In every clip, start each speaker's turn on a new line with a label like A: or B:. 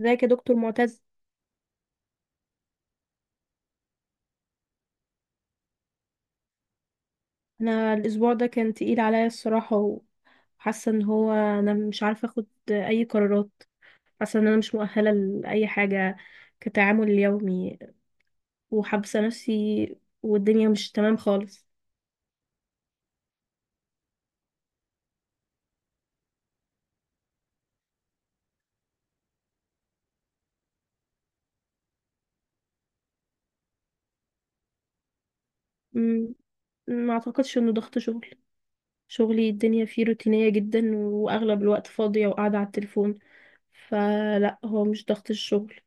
A: ازيك يا دكتور معتز. انا الاسبوع ده كان تقيل عليا الصراحه، وحاسه ان هو انا مش عارفه اخد اي قرارات. حاسه ان انا مش مؤهله لاي حاجه كتعامل يومي، وحابسه نفسي، والدنيا مش تمام خالص. مم، ما اعتقدش انه ضغط شغل. شغلي الدنيا فيه روتينيه جدا واغلب الوقت فاضيه وقاعده على التليفون، فلا هو مش ضغط الشغل.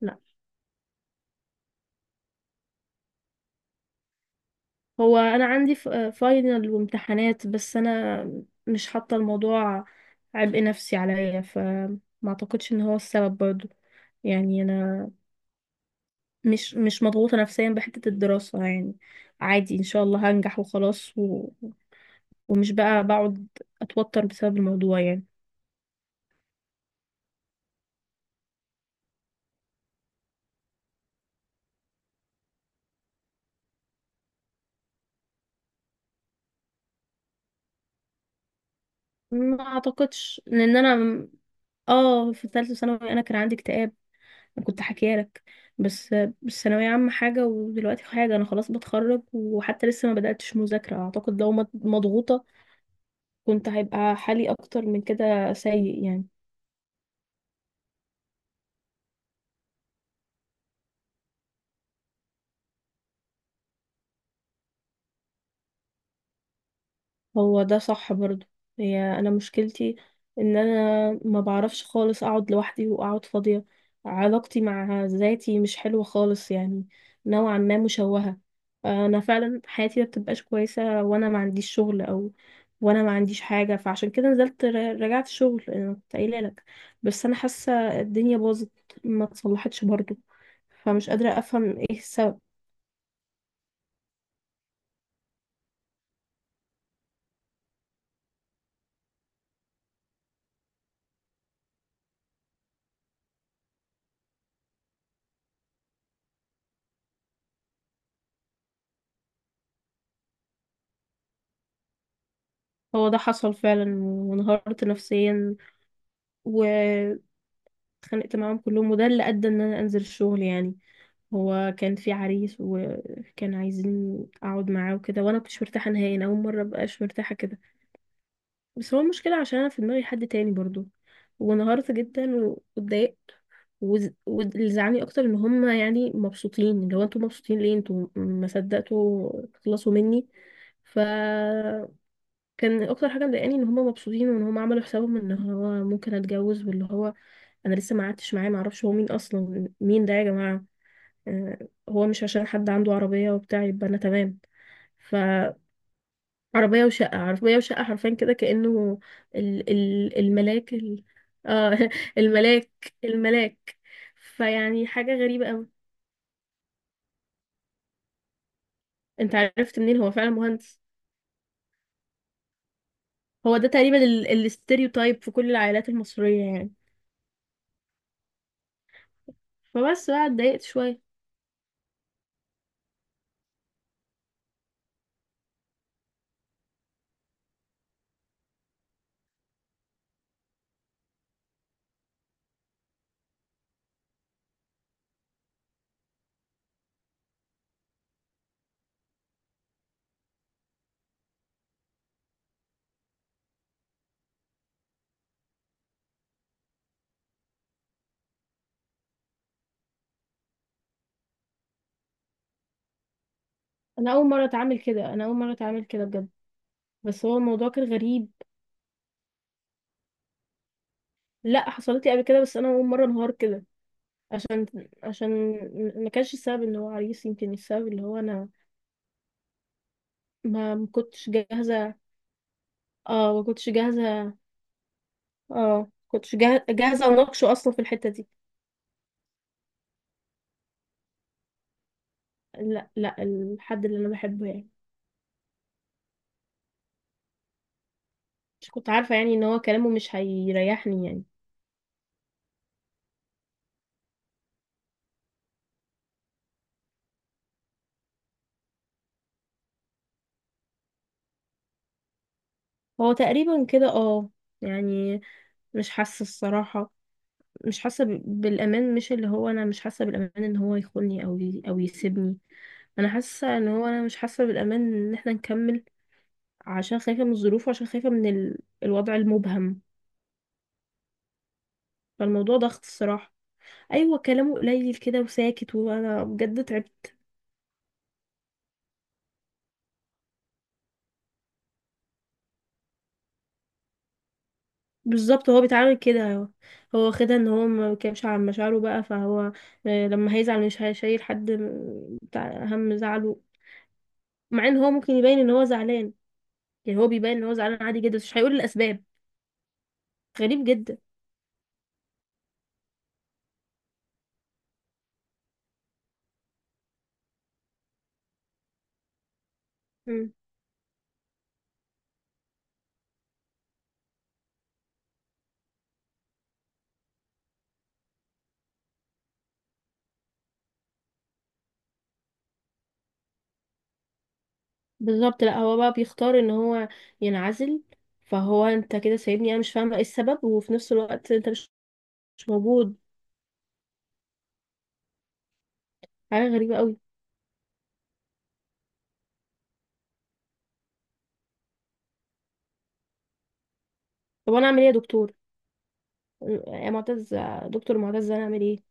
A: لا، هو انا عندي فاينل وامتحانات، بس انا مش حاطه الموضوع عبء نفسي عليا، فما اعتقدش ان هو السبب برضو. يعني انا مش مضغوطه نفسيا بحته الدراسه يعني. عادي، ان شاء الله هنجح وخلاص، و... ومش بقى بقعد اتوتر بسبب الموضوع يعني. ما اعتقدش، لان انا اه، في ثالثه ثانوي انا كان عندي اكتئاب، كنت حكيها لك. بس ثانوية عامة حاجة ودلوقتي حاجة. أنا خلاص بتخرج وحتى لسه ما بدأتش مذاكرة. أعتقد لو مضغوطة كنت هيبقى حالي أكتر من كده سيء يعني. هو ده صح برضو. هي انا مشكلتي ان انا ما بعرفش خالص اقعد لوحدي واقعد فاضية. علاقتي مع ذاتي مش حلوة خالص يعني، نوعا ما مشوهة. انا فعلا حياتي ما بتبقاش كويسة وانا ما عنديش شغل او وانا ما عنديش حاجة، فعشان كده نزلت رجعت شغل، انا كنت قايلة لك. بس انا حاسة الدنيا باظت، ما اتصلحتش برضو، فمش قادرة افهم ايه السبب. هو ده حصل فعلا وانهارت نفسيا. اتخانقت معاهم كلهم، وده اللي ادى ان انا انزل الشغل يعني. هو كان في عريس وكان عايزين اقعد معاه وكده، وانا مكنتش مرتاحه نهائي. انا اول مره مبقاش مرتاحه كده. بس هو المشكله عشان انا في دماغي حد تاني برضو، وانهارت جدا واتضايقت. وز- واللي زعلني اكتر ان هم يعني مبسوطين، اللي هو انتوا مبسوطين ليه؟ انتوا ما صدقتوا تخلصوا مني. فكان اكتر حاجه مضايقاني ان هم مبسوطين وان هم عملوا حسابهم ان هو ممكن اتجوز، واللي هو انا لسه ما قعدتش معاه. ما اعرفش هو مين اصلا، مين ده يا جماعه؟ آه، هو مش عشان حد عنده عربيه وبتاع يبقى انا تمام. فعربيه وشقه، عربيه وشقه، حرفيا كده كانه ال الملاك ال، آه، الملاك الملاك. فيعني حاجه غريبه قوي. انت عرفت منين هو فعلا مهندس؟ هو ده تقريبا الاستيريوتايب في كل العائلات المصريه يعني. فبس بقى اتضايقت شويه. انا اول مره اتعامل كده، انا اول مره اتعامل كده بجد، بس هو الموضوع كان غريب. لا، حصلت لي قبل كده، بس انا اول مره انهار كده. عشان عشان ما كانش السبب اللي هو عريس، يمكن السبب اللي هو انا ما كنتش جاهزه. اه، ما كنتش جاهزه. اه، كنتش جاهزه اناقشه اصلا في الحته دي. لا، الحد اللي انا بحبه يعني. مش كنت عارفه يعني ان هو كلامه مش هيريحني يعني. هو تقريبا كده اه. يعني مش حاسه الصراحه، مش حاسه بالامان. مش اللي هو انا مش حاسه بالامان ان هو يخوني او يسيبني. انا حاسه ان هو انا مش حاسه بالامان ان احنا نكمل، عشان خايفه من الظروف وعشان خايفه من ال... الوضع المبهم. فالموضوع ضغط الصراحه. ايوه، كلامه قليل كده وساكت، وانا بجد تعبت. بالظبط، هو بيتعامل كده. هو واخدها ان هو ما بيتكلمش عن مشاعره بقى، فهو آه، لما هيزعل مش هيشيل حد بتاع هم زعله، مع ان هو ممكن يبين ان هو زعلان. يعني هو بيبين ان هو زعلان عادي جدا، بس مش هيقول الاسباب. غريب جدا. بالظبط، لا، هو بقى بيختار ان هو ينعزل. فهو انت كده سايبني انا مش فاهمه ايه السبب، وفي نفس الوقت انت مش موجود. حاجه غريبه قوي. طب انا اعمل ايه يا دكتور؟ يا معتز، دكتور معتز، انا اعمل ايه؟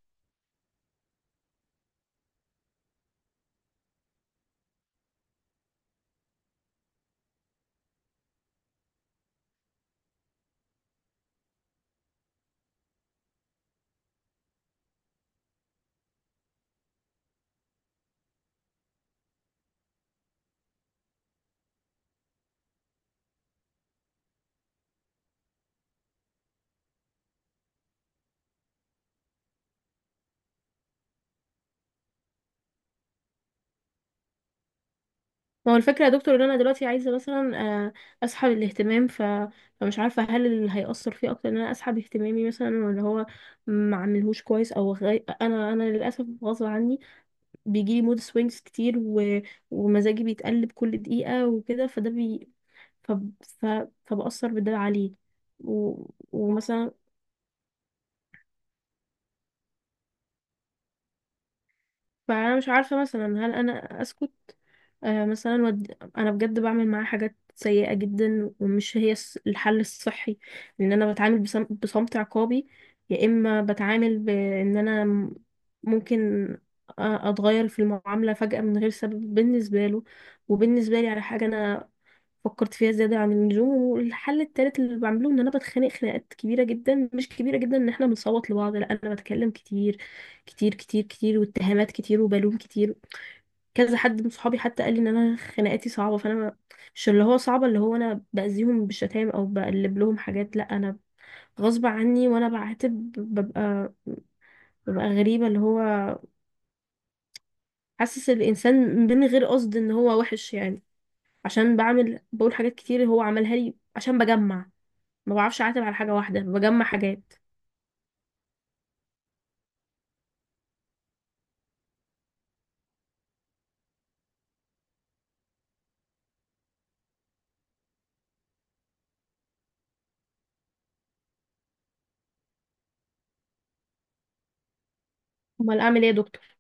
A: ما هو الفكره يا دكتور ان انا دلوقتي عايزه مثلا آه، اسحب الاهتمام، ف... فمش عارفه هل اللي هيأثر فيه اكتر ان انا اسحب اهتمامي مثلا، ولا هو ما عملهوش كويس. او انا للاسف غصب عني بيجيلي مود سوينجز كتير، و... ومزاجي بيتقلب كل دقيقة وكده، فده بي... ف... ف... فبأثر بده عليه. و... ومثلا فأنا مش عارفة مثلا هل أنا أسكت؟ آه مثلا ود... أنا بجد بعمل معاه حاجات سيئة جدا، ومش هي الحل الصحي. لأن أنا بتعامل بصمت عقابي، يا إما بتعامل بإن أنا ممكن أتغير في المعاملة فجأة من غير سبب بالنسبة له، وبالنسبة لي على حاجة أنا فكرت فيها زيادة عن اللزوم. والحل التالت اللي بعمله ان انا بتخانق خناقات كبيرة جدا. مش كبيرة جدا ان احنا بنصوت لبعض، لا، انا بتكلم كتير، كتير واتهامات كتير وبلوم كتير. كذا حد من صحابي حتى قال لي ان انا خناقاتي صعبة. فانا ما- مش اللي هو صعبة اللي هو انا باذيهم بالشتايم او بقلب لهم حاجات، لا، انا غصب عني وانا بعاتب ببقى غريبة، اللي هو حاسس الانسان من غير قصد ان هو وحش يعني. عشان بعمل حاجات كتير هو عملها لي، عشان بجمع. ما بعرفش اعتمد على حاجه واحده، بجمع حاجات. امال اعمل ايه يا دكتور؟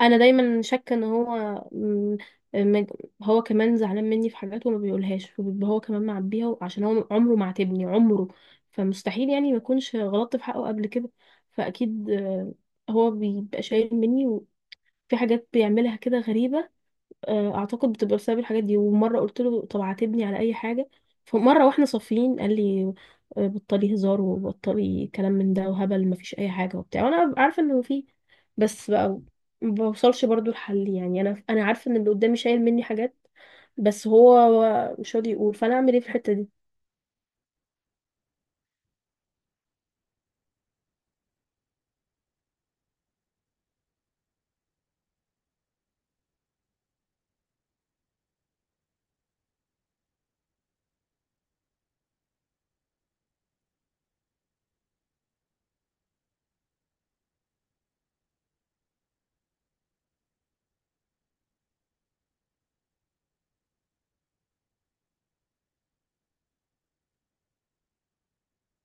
A: انا دايما شاكه ان هو م- م- هو كمان زعلان مني في حاجات وما بيقولهاش، وبيبقى هو كمان معبيها، عشان هو عمره ما عاتبني عمره، فمستحيل يعني ما اكونش غلطت في حقه قبل كده. فاكيد آه، هو بيبقى شايل مني، وفي حاجات بيعملها كده غريبه. آه، اعتقد بتبقى بسبب الحاجات دي. ومره قلت له طب عاتبني على اي حاجه، فمره واحنا صافيين قال لي آه، بطلي هزار وبطلي كلام من ده وهبل، مفيش اي حاجه وبتاع. وانا عارفه انه فيه، بس بقى ما بوصلش برضو لحل يعني. انا عارفه ان اللي قدامي شايل مني حاجات، بس هو مش راضي يقول، فانا اعمل ايه في الحته دي؟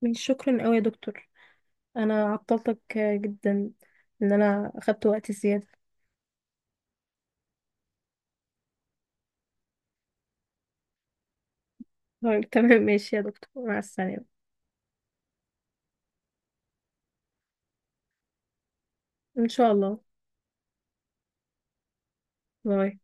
A: مش شكرا قوي يا دكتور، انا عطلتك آه، جدا، ان انا اخدت وقت زياده. طيب، تمام، ماشي يا دكتور، مع السلامه. ان شاء الله. باي.